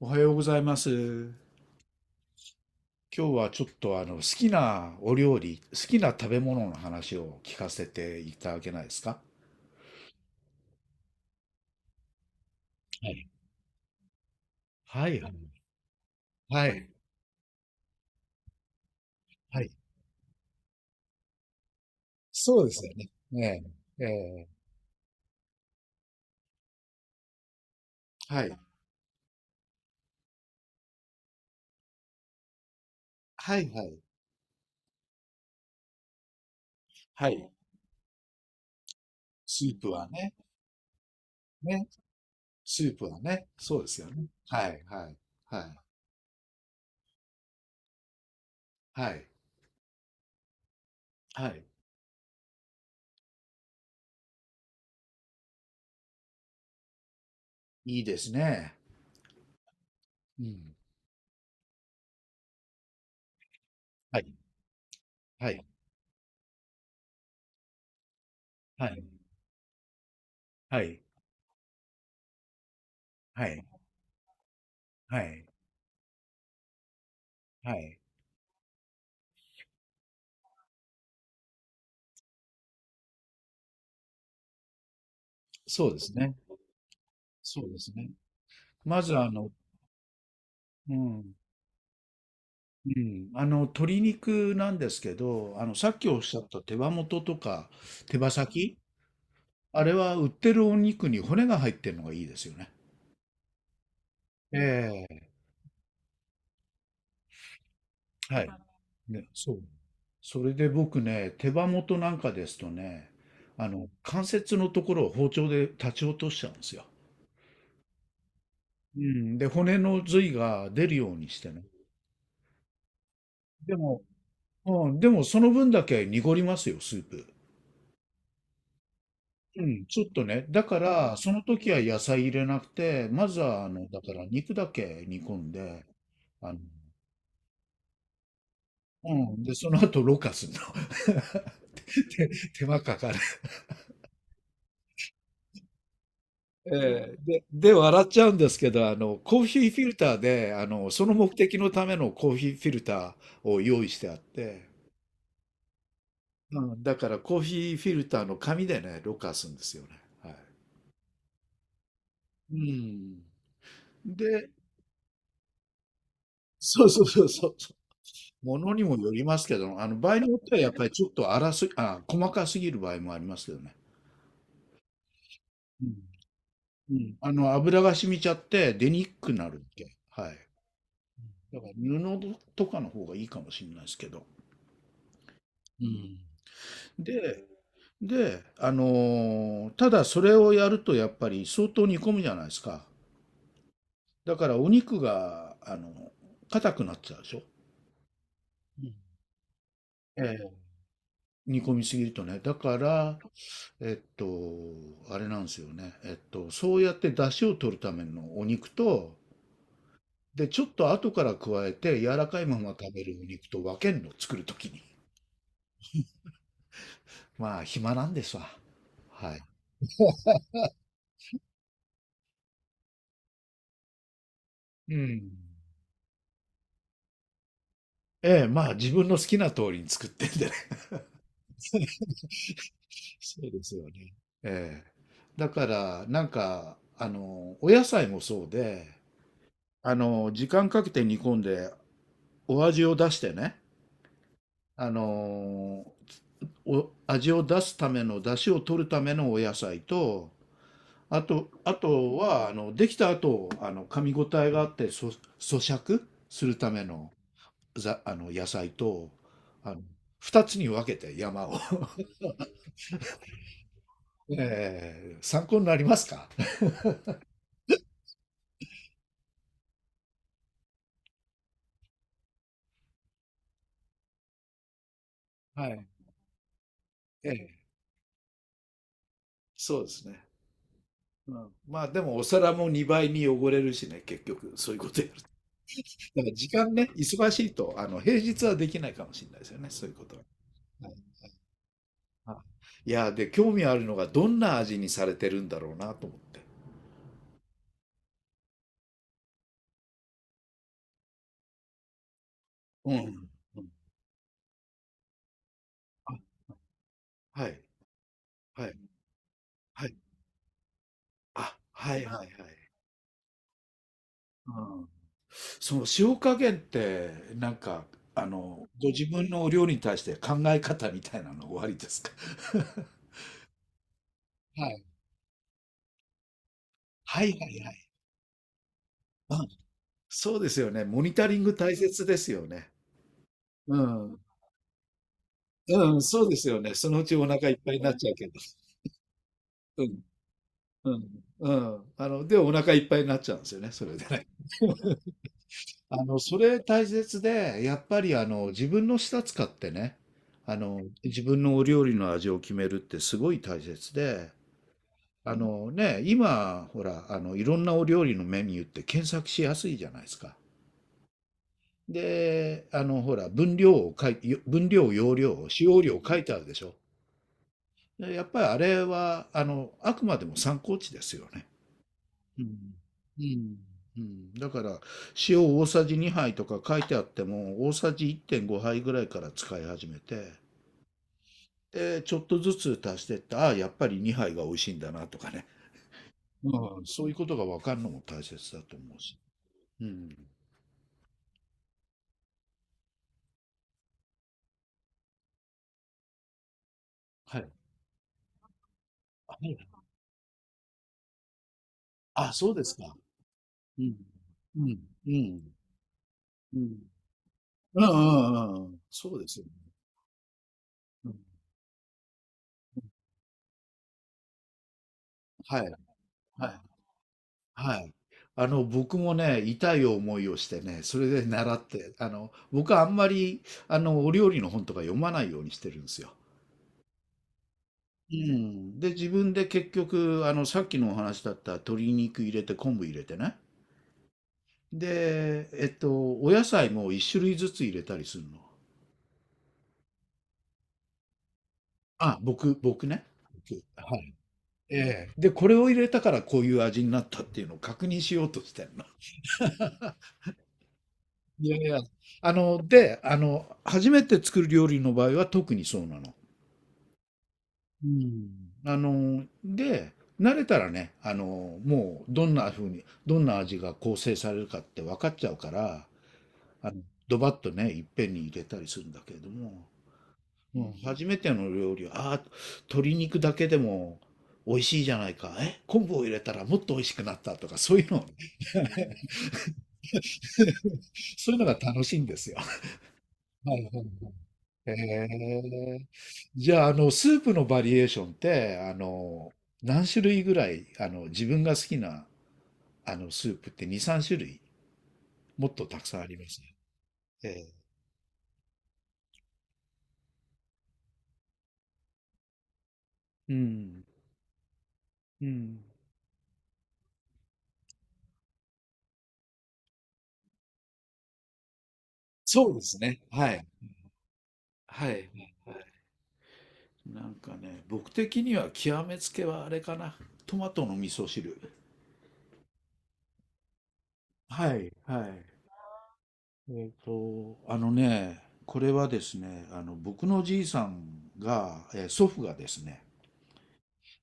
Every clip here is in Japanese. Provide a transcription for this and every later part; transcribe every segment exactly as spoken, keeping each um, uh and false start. おはようございます。今日はちょっとあの好きなお料理、好きな食べ物の話を聞かせていただけないですか？はい。はい。はい。はい。はい。そうですよね。ええ、ええ、はい。はい、はい。はい。スープはね。ね。スープはね。そうですよね。はい、はい。はい。はい。はい。いいですね。うん。はい。はい。はい。はい。はい。はい。はい。そうですね。そうですね。まずあの、うん、うん、あの鶏肉なんですけど、あのさっきおっしゃった手羽元とか手羽先、あれは売ってるお肉に骨が入ってるのがいいですよね。ええ、はい。ね、そう。それで僕ね、手羽元なんかですとね、あの関節のところを包丁で立ち落としちゃうんですよ。うん、で骨の髄が出るようにしてね。でも、うん、でもその分だけ濁りますよ、スープ。うん、ちょっとね、だから、その時は野菜入れなくて、まずは、あの、だから肉だけ煮込んで、あの、うん、で、その後、ろ過するの。手、手間かかる。えーで、で、笑っちゃうんですけど、あの、コーヒーフィルターで、あの、その目的のためのコーヒーフィルターを用意してあって、うん、だからコーヒーフィルターの紙でね、ろ過するんですよね。はい。うん。で、そうそうそうそう。ものにもよりますけど、あの場合によってはやっぱりちょっと粗す、あ、細かすぎる場合もありますけどね。うん。うん。あの油が染みちゃって出にくくなるんで、はい。だから布とかの方がいいかもしれないですけど。うん。で、で、あのーただそれをやるとやっぱり相当煮込むじゃないですか。だからお肉が、あの、硬くなっちゃうでしょ。うん。ええ、煮込みすぎるとね。だから、えっと、あれなんですよね。えっと、そうやって出汁を取るためのお肉と、で、ちょっと後から加えて柔らかいまま食べるお肉と分けるの、作るときに。まあ、暇なんですわ。はい。うん。ええ、まあ、自分の好きな通りに作ってんでね。そうですよね。ええ。だから、なんか、あの、お野菜もそうで、あの、時間かけて煮込んで、お味を出してね、あの、お味を出すための出汁を取るためのお野菜と、あとあとはあのできた後あの噛み応えがあってそ咀嚼するためのざあの野菜と、あのふたつに分けて山を。ええ、参考になりますか？はい、ええ、そうですね。うん、まあでもお皿もにばいに汚れるしね、結局そういうことやると。だから時間ね、忙しいと、あの平日はできないかもしれないですよね、そういうことは。あ、いや、で、興味あるのが、どんな味にされてるんだろうなと思って。うん。うん。あ、はい、はい、はい。あ、はいはいはい。うん。その塩加減って、なんか、あの、ご自分のお料理に対して考え方みたいなのおありですか？はい。はいはいはい。うん、そうですよね。モニタリング大切ですよね。うん。うん、そうですよね。そのうちお腹いっぱいになっちゃうけど。うん。うん、うん。あの、で、お腹いっぱいになっちゃうんですよね、それでね。あの、それ大切で、やっぱりあの、自分の舌使ってね、あの、自分のお料理の味を決めるってすごい大切で、あのね、今、ほら、あの、いろんなお料理のメニューって検索しやすいじゃないですか。で、あの、ほら、分量を書い、よ分量、容量、使用量書いてあるでしょ。でやっぱりあれは、あの、あくまでも参考値ですよね。うん。うん。うん。だから、塩大さじにはいとか書いてあっても、大さじいってんごはいぐらいから使い始めて、で、ちょっとずつ足してって、ああ、やっぱりにはいが美味しいんだなとかね。うん。そういうことが分かるのも大切だと思うし。うん。はい。はい。あ、そうですか。うん。うん。うん。うん。うんうんうんうん。そうですよね。うん、はい。はい。はい。あの、僕もね、痛い思いをしてね、それで習って、あの、僕はあんまり、あの、お料理の本とか読まないようにしてるんですよ。うん。で、自分で結局、あの、さっきのお話だった鶏肉入れて昆布入れてね。で、えっと、お野菜も一種類ずつ入れたりするの。あ、僕、僕ね。僕はい。ええ。で、これを入れたからこういう味になったっていうのを確認しようとしてんの。いやいや。あの、で、あの、初めて作る料理の場合は特にそうなの。うん。あの、で、慣れたらね、あの、もうどんな風に、どんな味が構成されるかって分かっちゃうから、あの、ドバッとね、いっぺんに入れたりするんだけれども、うん、初めての料理は、ああ、鶏肉だけでも美味しいじゃないか、え、昆布を入れたらもっと美味しくなったとか、そういうのをね。そういうのが楽しいんですよ。はいはい、へえ。じゃあ、あの、スープのバリエーションって、あの、何種類ぐらい、あの、自分が好きな、あの、スープってに、さん種類、もっとたくさんありますね。ええ。うん。うん。そうですね。はい。はい。なんかね、僕的には極めつけはあれかな。トマトの味噌汁。はい、はい。えっと、あのね、これはですね、あの、僕のおじいさんが、えー祖父がですね、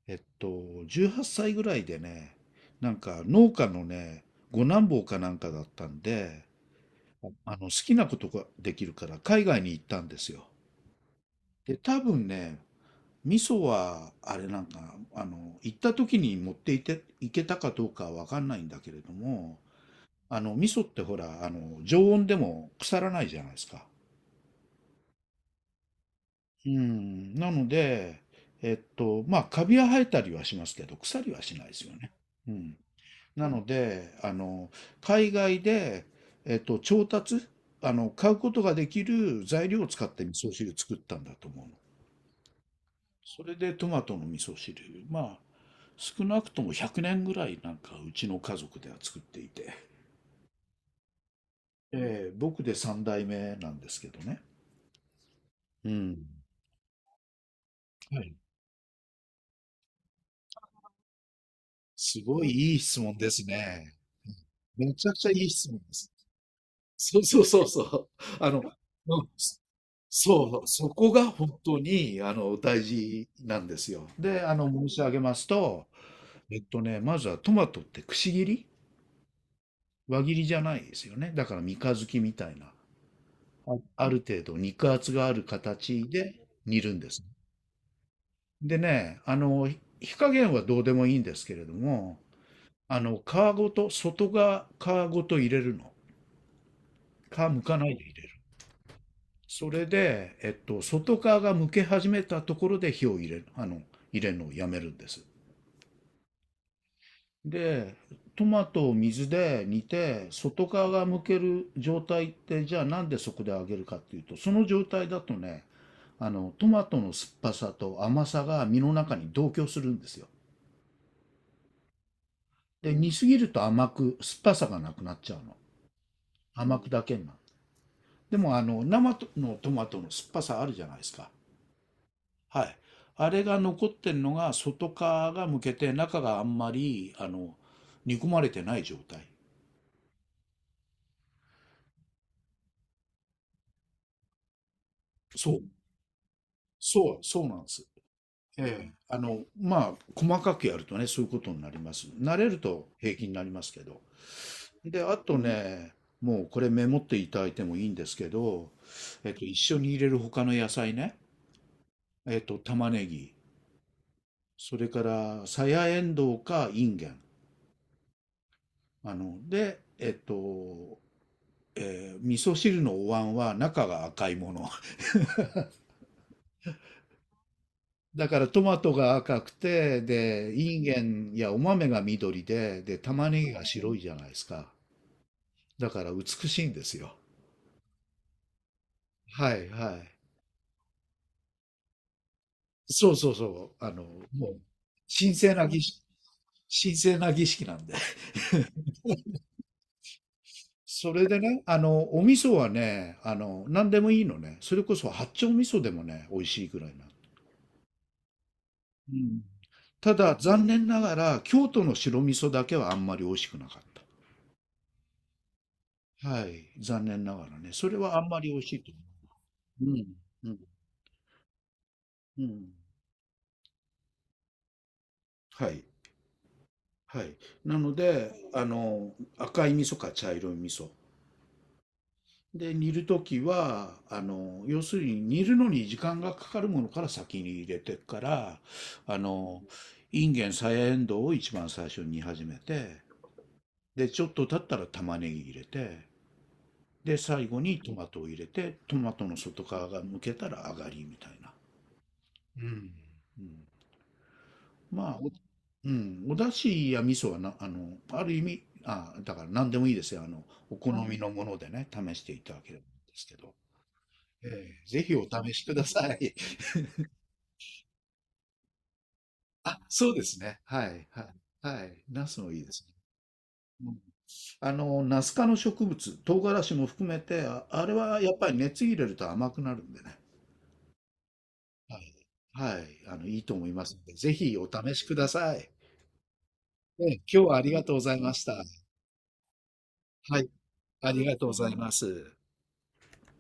えっと、じゅうはっさいぐらいでね、なんか農家のね、五男坊かなんかだったんで、あの好きなことができるから海外に行ったんですよ。で、多分ね、味噌はあれなんか、あの、行った時に持っていて、行けたかどうかはわかんないんだけれども、あの、味噌ってほら、あの、常温でも腐らないじゃないですか。うん、なので、えっと、まあ、カビは生えたりはしますけど、腐りはしないですよね。うん。なので、あの、海外で、えっと、調達、あの、買うことができる材料を使って味噌汁作ったんだと思うの。それでトマトの味噌汁、まあ、少なくともひゃくねんぐらいなんかうちの家族では作っていて、えー僕でさん代目なんですけどね。うん。はい。すごいいい質問ですね。めちゃくちゃいい質問です。そうそうそうそう。あの、うんそう、そこが本当に、あの、大事なんですよ。で、あの、申し上げますと、えっとね、まずはトマトってくし切り、輪切りじゃないですよね。だから三日月みたいな、ある程度肉厚がある形で煮るんです。でね、あの、ひ火加減はどうでもいいんですけれども、あの、皮ごと、外側皮ごと入れるの。皮むかないで入れる。それで、えっと、外側が剥け始めたところで火を入れる、あの、入れるのをやめるんです。で、トマトを水で煮て、外側が剥ける状態って、じゃあなんでそこで揚げるかっていうと、その状態だとね、あの、トマトの酸っぱさと甘さが身の中に同居するんですよ。で、煮すぎると甘く、酸っぱさがなくなっちゃうの。甘くだけになる。でも、あの、生のトマトの酸っぱさあるじゃないですか。はい。あれが残ってるのが、外側が剥けて、中があんまり、あの、煮込まれてない状態。そう、そう、そうなんです。ええ、あの、まあ、細かくやるとね、そういうことになります。慣れると平気になりますけど。で、あとね、もうこれメモっていただいてもいいんですけど、えっと、一緒に入れる他の野菜ね、えっと、玉ねぎ、それから、さやえんどうかいんげん。あの、で、えっと、えー味噌汁のお椀は中が赤いもの。だからトマトが赤くて、で、いんげんやお豆が緑で、で、玉ねぎが白いじゃないですか。だから美しいんですよ。はいはい。そうそうそう。あの、もう、神聖な儀式、神聖な儀式なんで。それでね、あの、お味噌はね、あの、何でもいいのね。それこそ八丁味噌でもね、美味しいぐらいな。うん。ただ、残念ながら、京都の白味噌だけはあんまり美味しくなかった。はい。残念ながらね。それはあんまり美味しいと思う。うん。うん。うん。はい。はい。なので、あの、赤い味噌か茶色い味噌。で、煮るときは、あの、要するに煮るのに時間がかかるものから先に入れてから、あの、インゲン、さやえんどうを一番最初に煮始めて、で、ちょっと経ったら玉ねぎ入れて、で、最後にトマトを入れて、トマトの外側が剥けたら上がりみたいな。うん。うん、まあ、おうん、お出汁や味噌はな、あの、ある意味、あ、だから何でもいいですよ。あの、お好みのものでね、試していただければいいんですけど。ええ。ぜひお試しください。あ、そうですね。はい、はい、はい。ナスもいいですね。うん。あの、ナス科の植物、唐辛子も含めて、あ、あれはやっぱり熱入れると甘くなるんでね。はい。はい。あの、いいと思いますので、ぜひお試しください。ね、今日はありがとうございました。はい。ありがとうございます。